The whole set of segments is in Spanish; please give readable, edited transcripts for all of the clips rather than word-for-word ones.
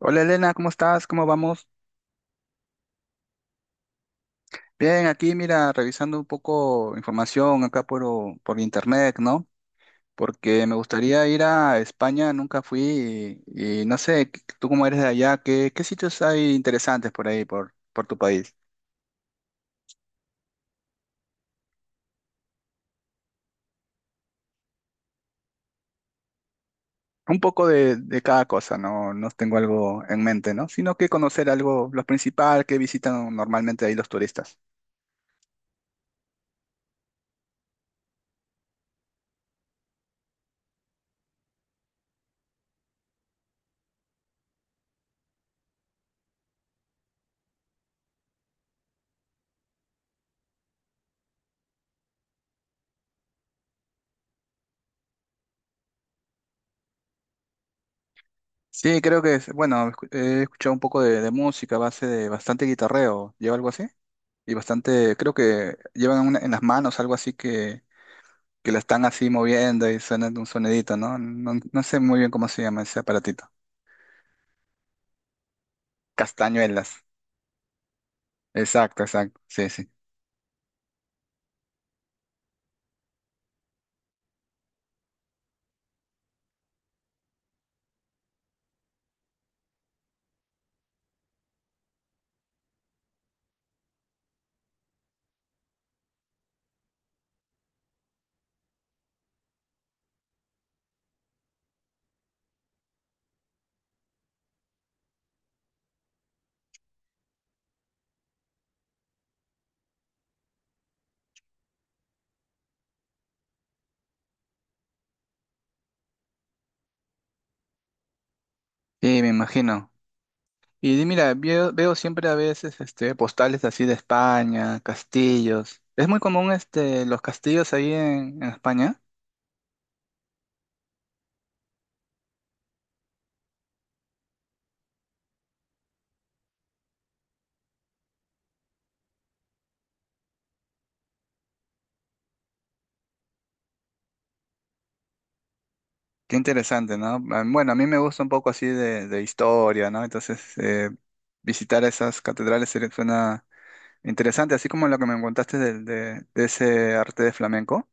Hola Elena, ¿cómo estás? ¿Cómo vamos? Bien, aquí mira, revisando un poco información acá por internet, ¿no? Porque me gustaría ir a España, nunca fui y no sé, tú como eres de allá, ¿qué sitios hay interesantes por ahí, por tu país? Un poco de cada cosa, ¿no? No tengo algo en mente, ¿no? Sino que conocer algo, lo principal que visitan normalmente ahí los turistas. Sí, creo que es, bueno, he escuchado un poco de música a base de bastante guitarreo, ¿lleva algo así? Y bastante, creo que llevan en las manos algo así que la están así moviendo y suena un sonidito, ¿no? No sé muy bien cómo se llama ese aparatito. Castañuelas. Exacto, exacto. Sí, sí. Sí, me imagino. Y mira, veo siempre a veces este, postales así de España, castillos. Es muy común este, los castillos ahí en España. Qué interesante, ¿no? Ah, bueno, a mí me gusta un poco así de historia, ¿no? Entonces, visitar esas catedrales suena interesante, así como lo que me contaste de ese arte de flamenco.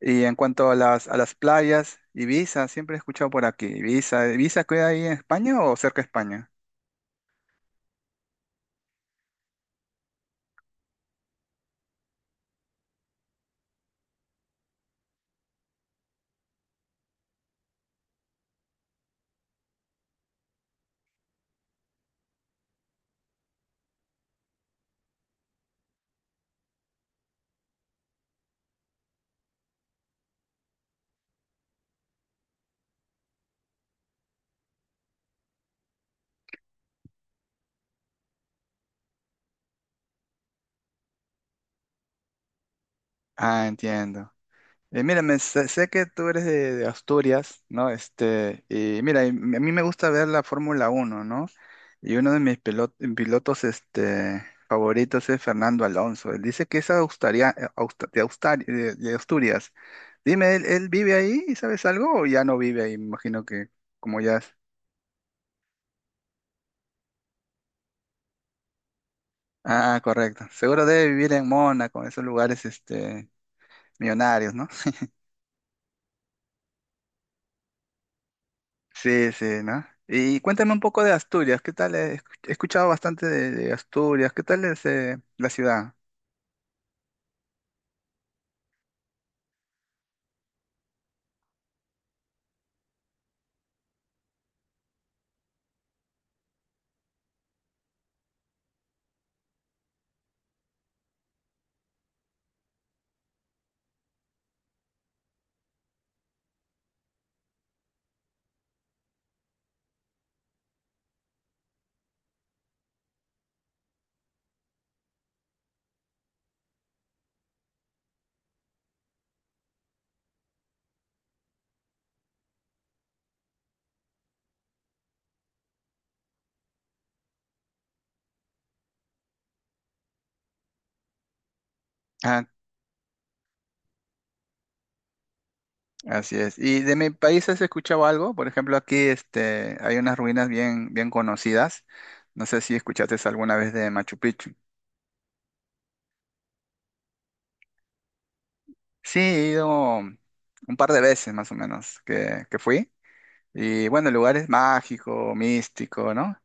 Y en cuanto a las playas, Ibiza, siempre he escuchado por aquí. Ibiza, ¿Ibiza queda ahí en España o cerca de España? Ah, entiendo. Mira, sé que tú eres de Asturias, ¿no? Este, y mira, y a mí me gusta ver la Fórmula Uno, ¿no? Y uno de mis pilotos este, favoritos es Fernando Alonso. Él dice que es de Asturias. Dime, ¿él vive ahí? ¿Y sabes algo? ¿O ya no vive ahí? Me imagino que como ya es. Ah, correcto. Seguro debe vivir en Mónaco, en esos lugares este, millonarios, ¿no? Sí, sí, ¿no? Y cuéntame un poco de Asturias. ¿Qué tal? He escuchado bastante de Asturias. ¿Qué tal es la ciudad? Así es. ¿Y de mi país has escuchado algo? Por ejemplo, aquí este, hay unas ruinas bien, bien conocidas. No sé si escuchaste alguna vez de Machu Picchu. Sí, he ido un par de veces más o menos que fui. Y bueno, el lugar es mágico, místico, ¿no?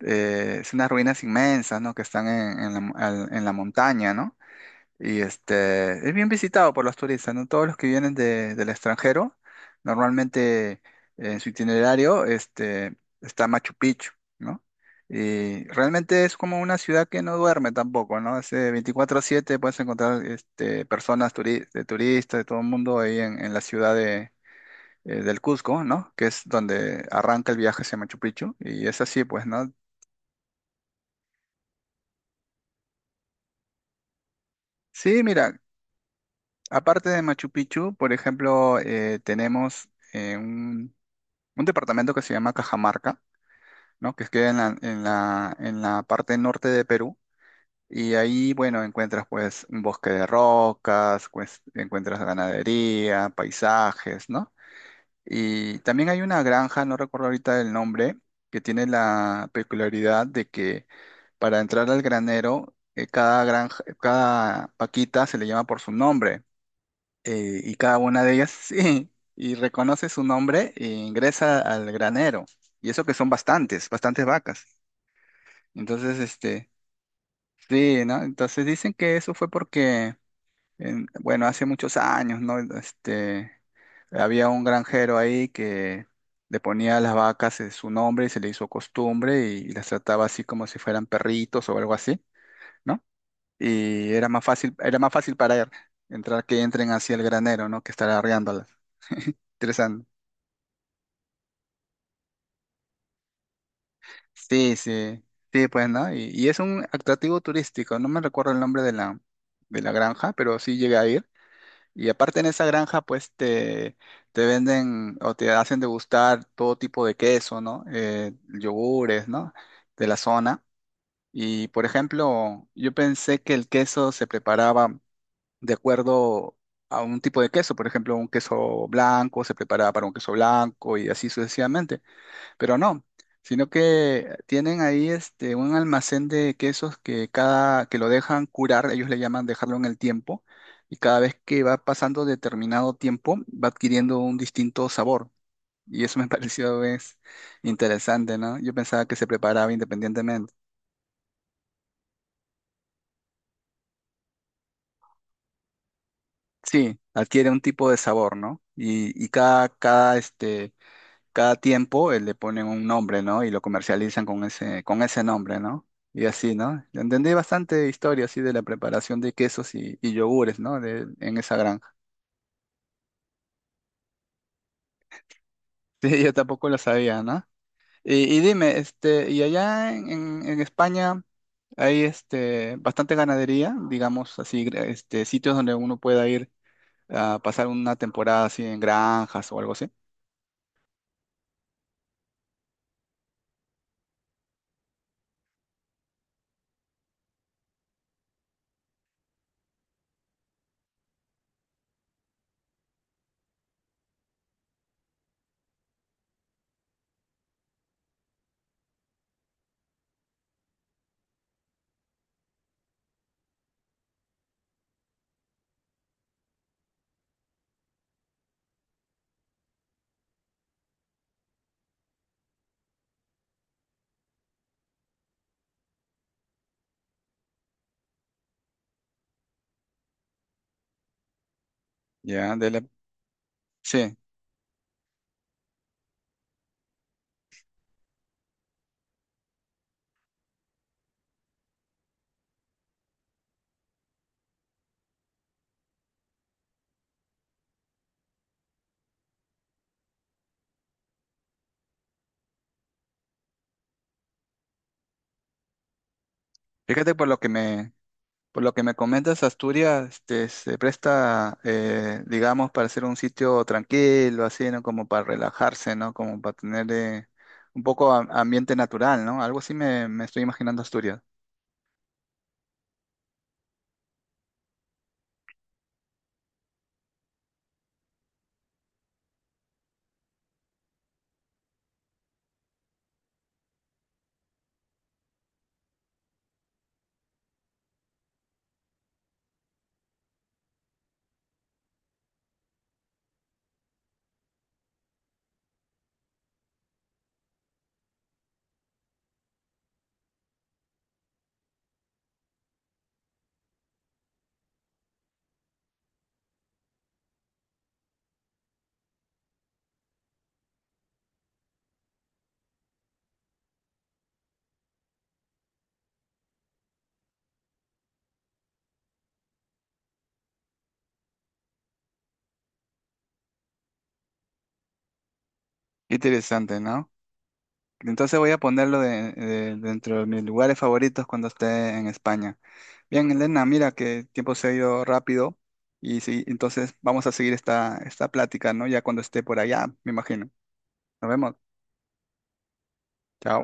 Es unas ruinas inmensas, ¿no? Que están en la, en la montaña, ¿no? Y este, es bien visitado por los turistas, ¿no? Todos los que vienen del extranjero, normalmente en su itinerario este, está Machu Picchu, ¿no? Y realmente es como una ciudad que no duerme tampoco, ¿no? Es 24/7, puedes encontrar este, personas turi- de turistas, de todo el mundo ahí en la ciudad de, del Cusco, ¿no? Que es donde arranca el viaje hacia Machu Picchu. Y es así, pues, ¿no? Sí, mira, aparte de Machu Picchu, por ejemplo, tenemos... eh, un departamento que se llama Cajamarca, ¿no? Que queda en la, en la, en la parte norte de Perú. Y ahí, bueno, encuentras pues un bosque de rocas, pues, encuentras ganadería, paisajes, ¿no? Y también hay una granja, no recuerdo ahorita el nombre, que tiene la peculiaridad de que para entrar al granero, cada paquita se le llama por su nombre y cada una de ellas sí, y reconoce su nombre e ingresa al granero. Y eso que son bastantes, bastantes vacas. Entonces, este, sí, ¿no? Entonces dicen que eso fue porque bueno, hace muchos años, ¿no? Este, había un granjero ahí que le ponía a las vacas su nombre y se le hizo costumbre y las trataba así como si fueran perritos o algo así, ¿no? Y era más fácil para él entrar que entren hacia el granero, ¿no? Que estar arreándolas. Interesante. Sí, sí, sí, pues, ¿no? Y es un atractivo turístico, no me recuerdo el nombre de la granja, pero sí llegué a ir. Y aparte en esa granja, pues, te venden o te hacen degustar todo tipo de queso, ¿no? Yogures, ¿no? De la zona. Y, por ejemplo, yo pensé que el queso se preparaba de acuerdo a un tipo de queso, por ejemplo, un queso blanco se preparaba para un queso blanco y así sucesivamente, pero no, sino que tienen ahí este, un almacén de quesos que cada que lo dejan curar, ellos le llaman dejarlo en el tiempo, y cada vez que va pasando determinado tiempo va adquiriendo un distinto sabor. Y eso me pareció es interesante, ¿no? Yo pensaba que se preparaba independientemente. Sí, adquiere un tipo de sabor, ¿no? Y cada, cada este, cada tiempo le ponen un nombre, ¿no? Y lo comercializan con ese nombre, ¿no? Y así, ¿no? Entendí bastante historia así de la preparación de quesos y yogures, ¿no? De, en esa granja. Sí, yo tampoco lo sabía, ¿no? Y dime, este, y allá en, en España hay este bastante ganadería, digamos así, este, sitios donde uno pueda ir a pasar una temporada así en granjas o algo así. Ya, sí. Fíjate por lo que me, Por lo que me comentas, Asturias este, se presta, digamos, para ser un sitio tranquilo, así, ¿no? Como para relajarse, ¿no? Como para tener ambiente natural, ¿no? Algo así me, me estoy imaginando Asturias. Qué interesante, ¿no? Entonces voy a ponerlo dentro de mis lugares favoritos cuando esté en España. Bien, Elena, mira que el tiempo se ha ido rápido y sí, entonces vamos a seguir esta plática, ¿no? Ya cuando esté por allá, me imagino. Nos vemos. Chao.